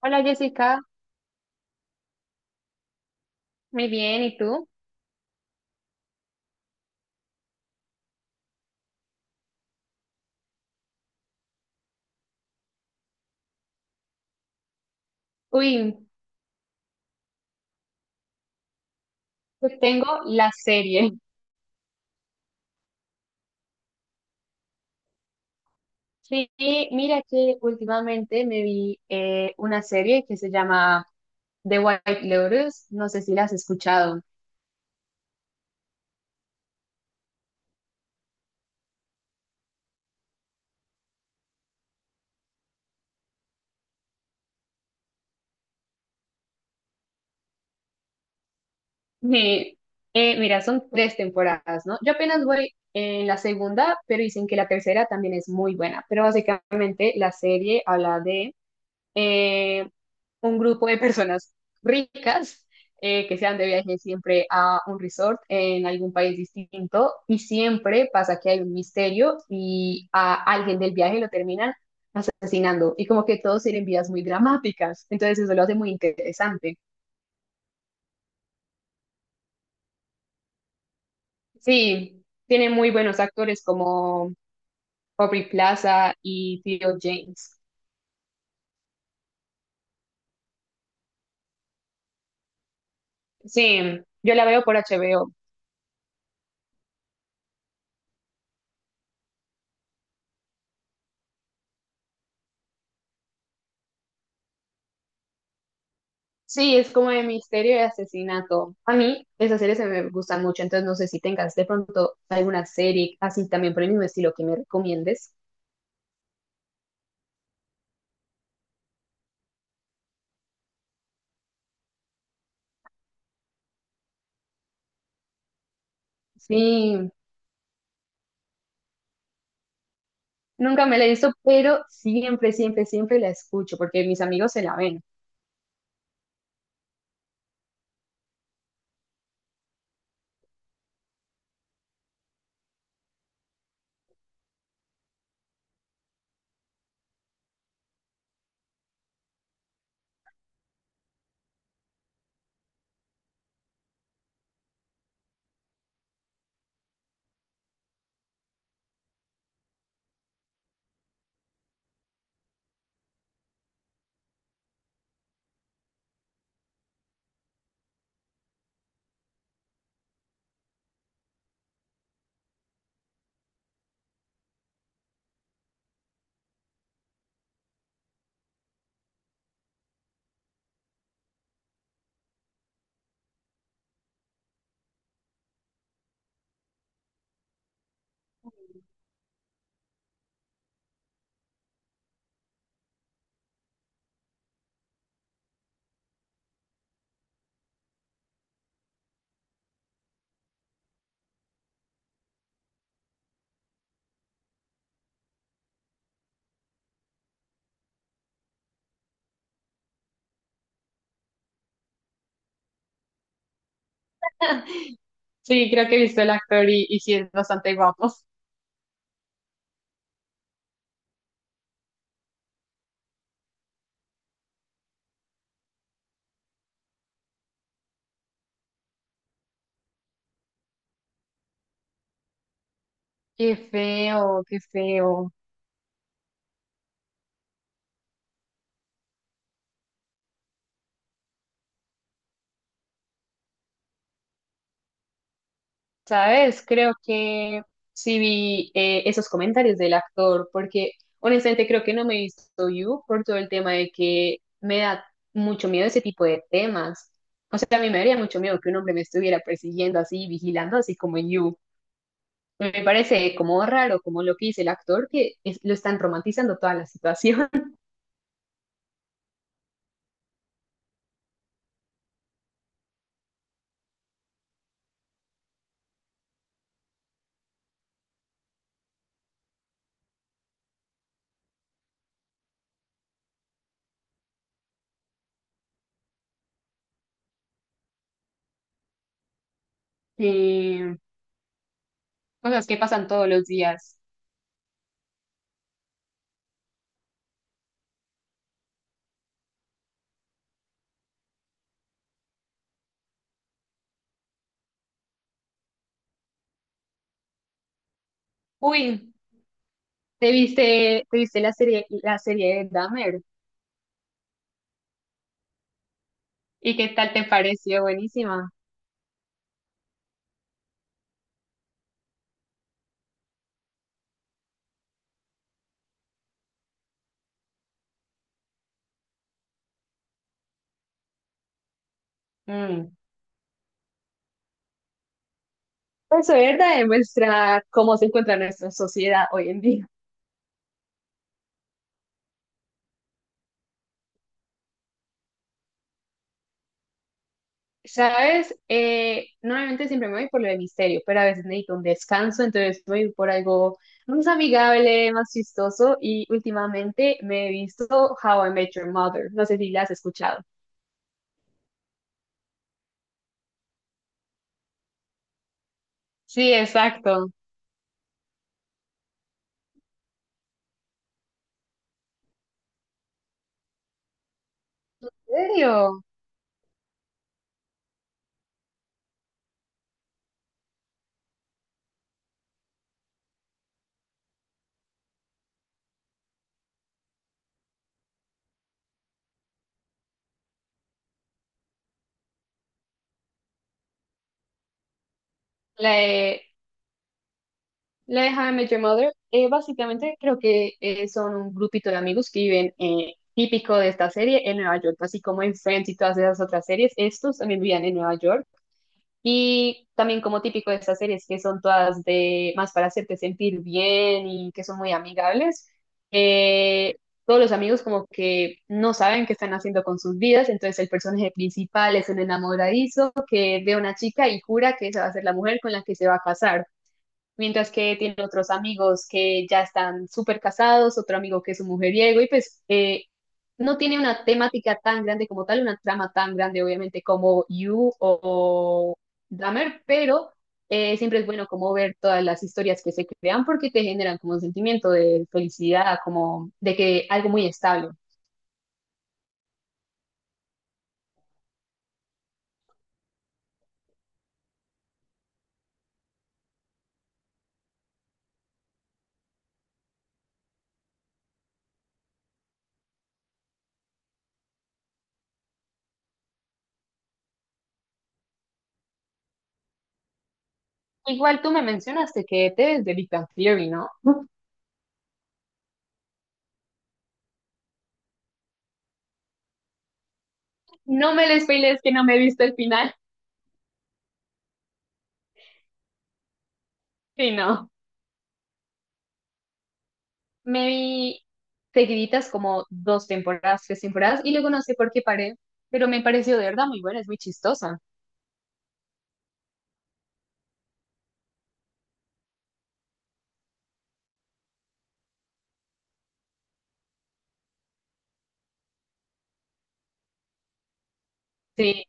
Hola, Jessica, muy bien, ¿y tú? Uy, pues tengo la serie. Sí, mira que últimamente me vi una serie que se llama The White Lotus, no sé si la has escuchado. Me- mira, son tres temporadas, ¿no? Yo apenas voy en la segunda, pero dicen que la tercera también es muy buena, pero básicamente la serie habla de eh, un grupo de personas ricas, que se van de viaje siempre a un resort en algún país distinto y siempre pasa que hay un misterio y a alguien del viaje lo terminan asesinando, y como que todos tienen vidas muy dramáticas, entonces eso lo hace muy interesante. Sí, tiene muy buenos actores como Aubrey Plaza y Theo James. Sí, yo la veo por HBO. Sí, es como de misterio y asesinato. A mí esas series se me gustan mucho, entonces no sé si tengas de pronto alguna serie así también por el mismo estilo que me recomiendes. Sí, nunca me la he visto, pero siempre, siempre, siempre la escucho porque mis amigos se la ven. Sí, creo que he visto el actor y, sí es bastante guapo. Qué feo, qué feo. ¿Sabes? Creo que sí vi esos comentarios del actor, porque honestamente creo que no me he visto You por todo el tema de que me da mucho miedo ese tipo de temas. O sea, a mí me daría mucho miedo que un hombre me estuviera persiguiendo así, vigilando, así como en You. Me parece como raro, como lo que dice el actor, que lo están romantizando toda la situación. Eh, cosas que pasan todos los días. Uy, ¿te viste la serie de Dahmer? ¿Y qué tal te pareció? Buenísima. Mm. Eso es verdad, demuestra cómo se encuentra nuestra sociedad hoy en día. ¿Sabes? Normalmente siempre me voy por lo de misterio, pero a veces necesito un descanso, entonces voy por algo más amigable, más chistoso, y últimamente me he visto How I Met Your Mother. No sé si la has escuchado. Sí, exacto. ¿En serio? La, La de How I Met Your Mother, básicamente creo que son un grupito de amigos que viven, típico de esta serie, en Nueva York, así como en Friends y todas esas otras series, estos también vivían en Nueva York. Y también como típico de estas series que son todas de más para hacerte sentir bien y que son muy amigables, eh, todos los amigos como que no saben qué están haciendo con sus vidas, entonces el personaje principal es un enamoradizo que ve a una chica y jura que esa va a ser la mujer con la que se va a casar, mientras que tiene otros amigos que ya están súper casados, otro amigo que es un mujeriego, y pues no tiene una temática tan grande como tal, una trama tan grande, obviamente, como You o Dahmer, pero siempre es bueno como ver todas las historias que se crean porque te generan como un sentimiento de felicidad, como de que algo muy estable. Igual tú me mencionaste que te es de Big Bang Theory, ¿no? No me les spoilees que no me he visto el final, sí, no. Me vi seguiditas como dos temporadas, tres temporadas, y luego no sé por qué paré, pero me pareció de verdad muy buena, es muy chistosa. Sí,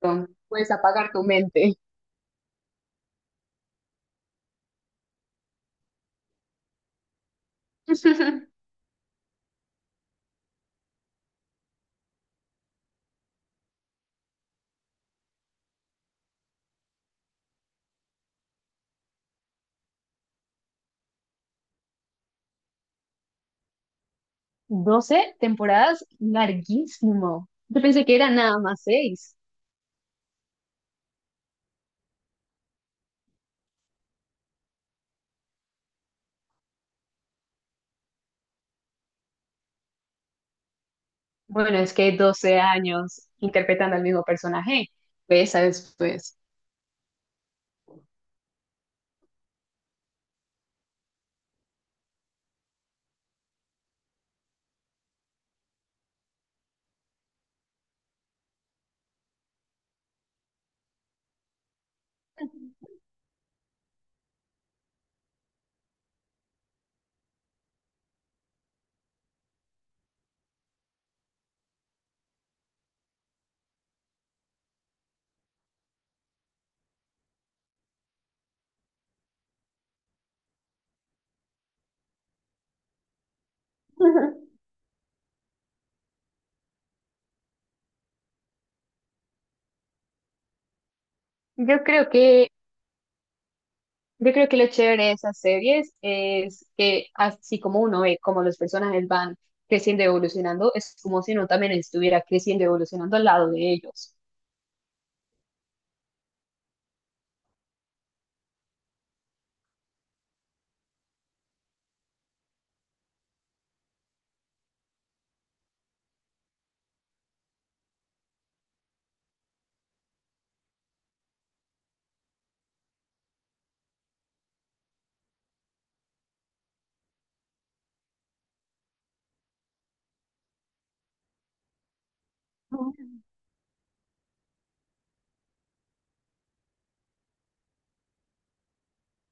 puedes apagar tu mente. 12 temporadas, larguísimo. Yo pensé que eran nada más seis. Bueno, es que 12 años interpretando al mismo personaje, pues, ¿sabes? Pues. Yo creo que Yo creo que lo chévere de esas series es que así como uno ve cómo los personajes van creciendo y evolucionando, es como si uno también estuviera creciendo y evolucionando al lado de ellos.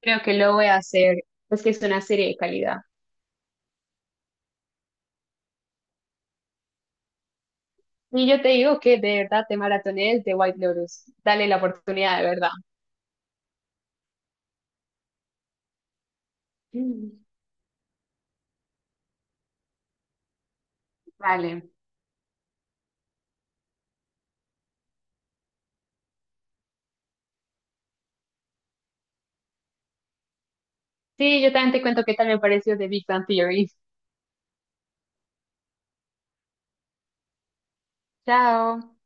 Creo que lo voy a hacer, pues que es una serie de calidad. Y yo te digo que de verdad te maratones de White Lotus. Dale la oportunidad, de verdad. Mm, vale. Sí, yo también te cuento qué tal me pareció de Big Bang Theory. Chao.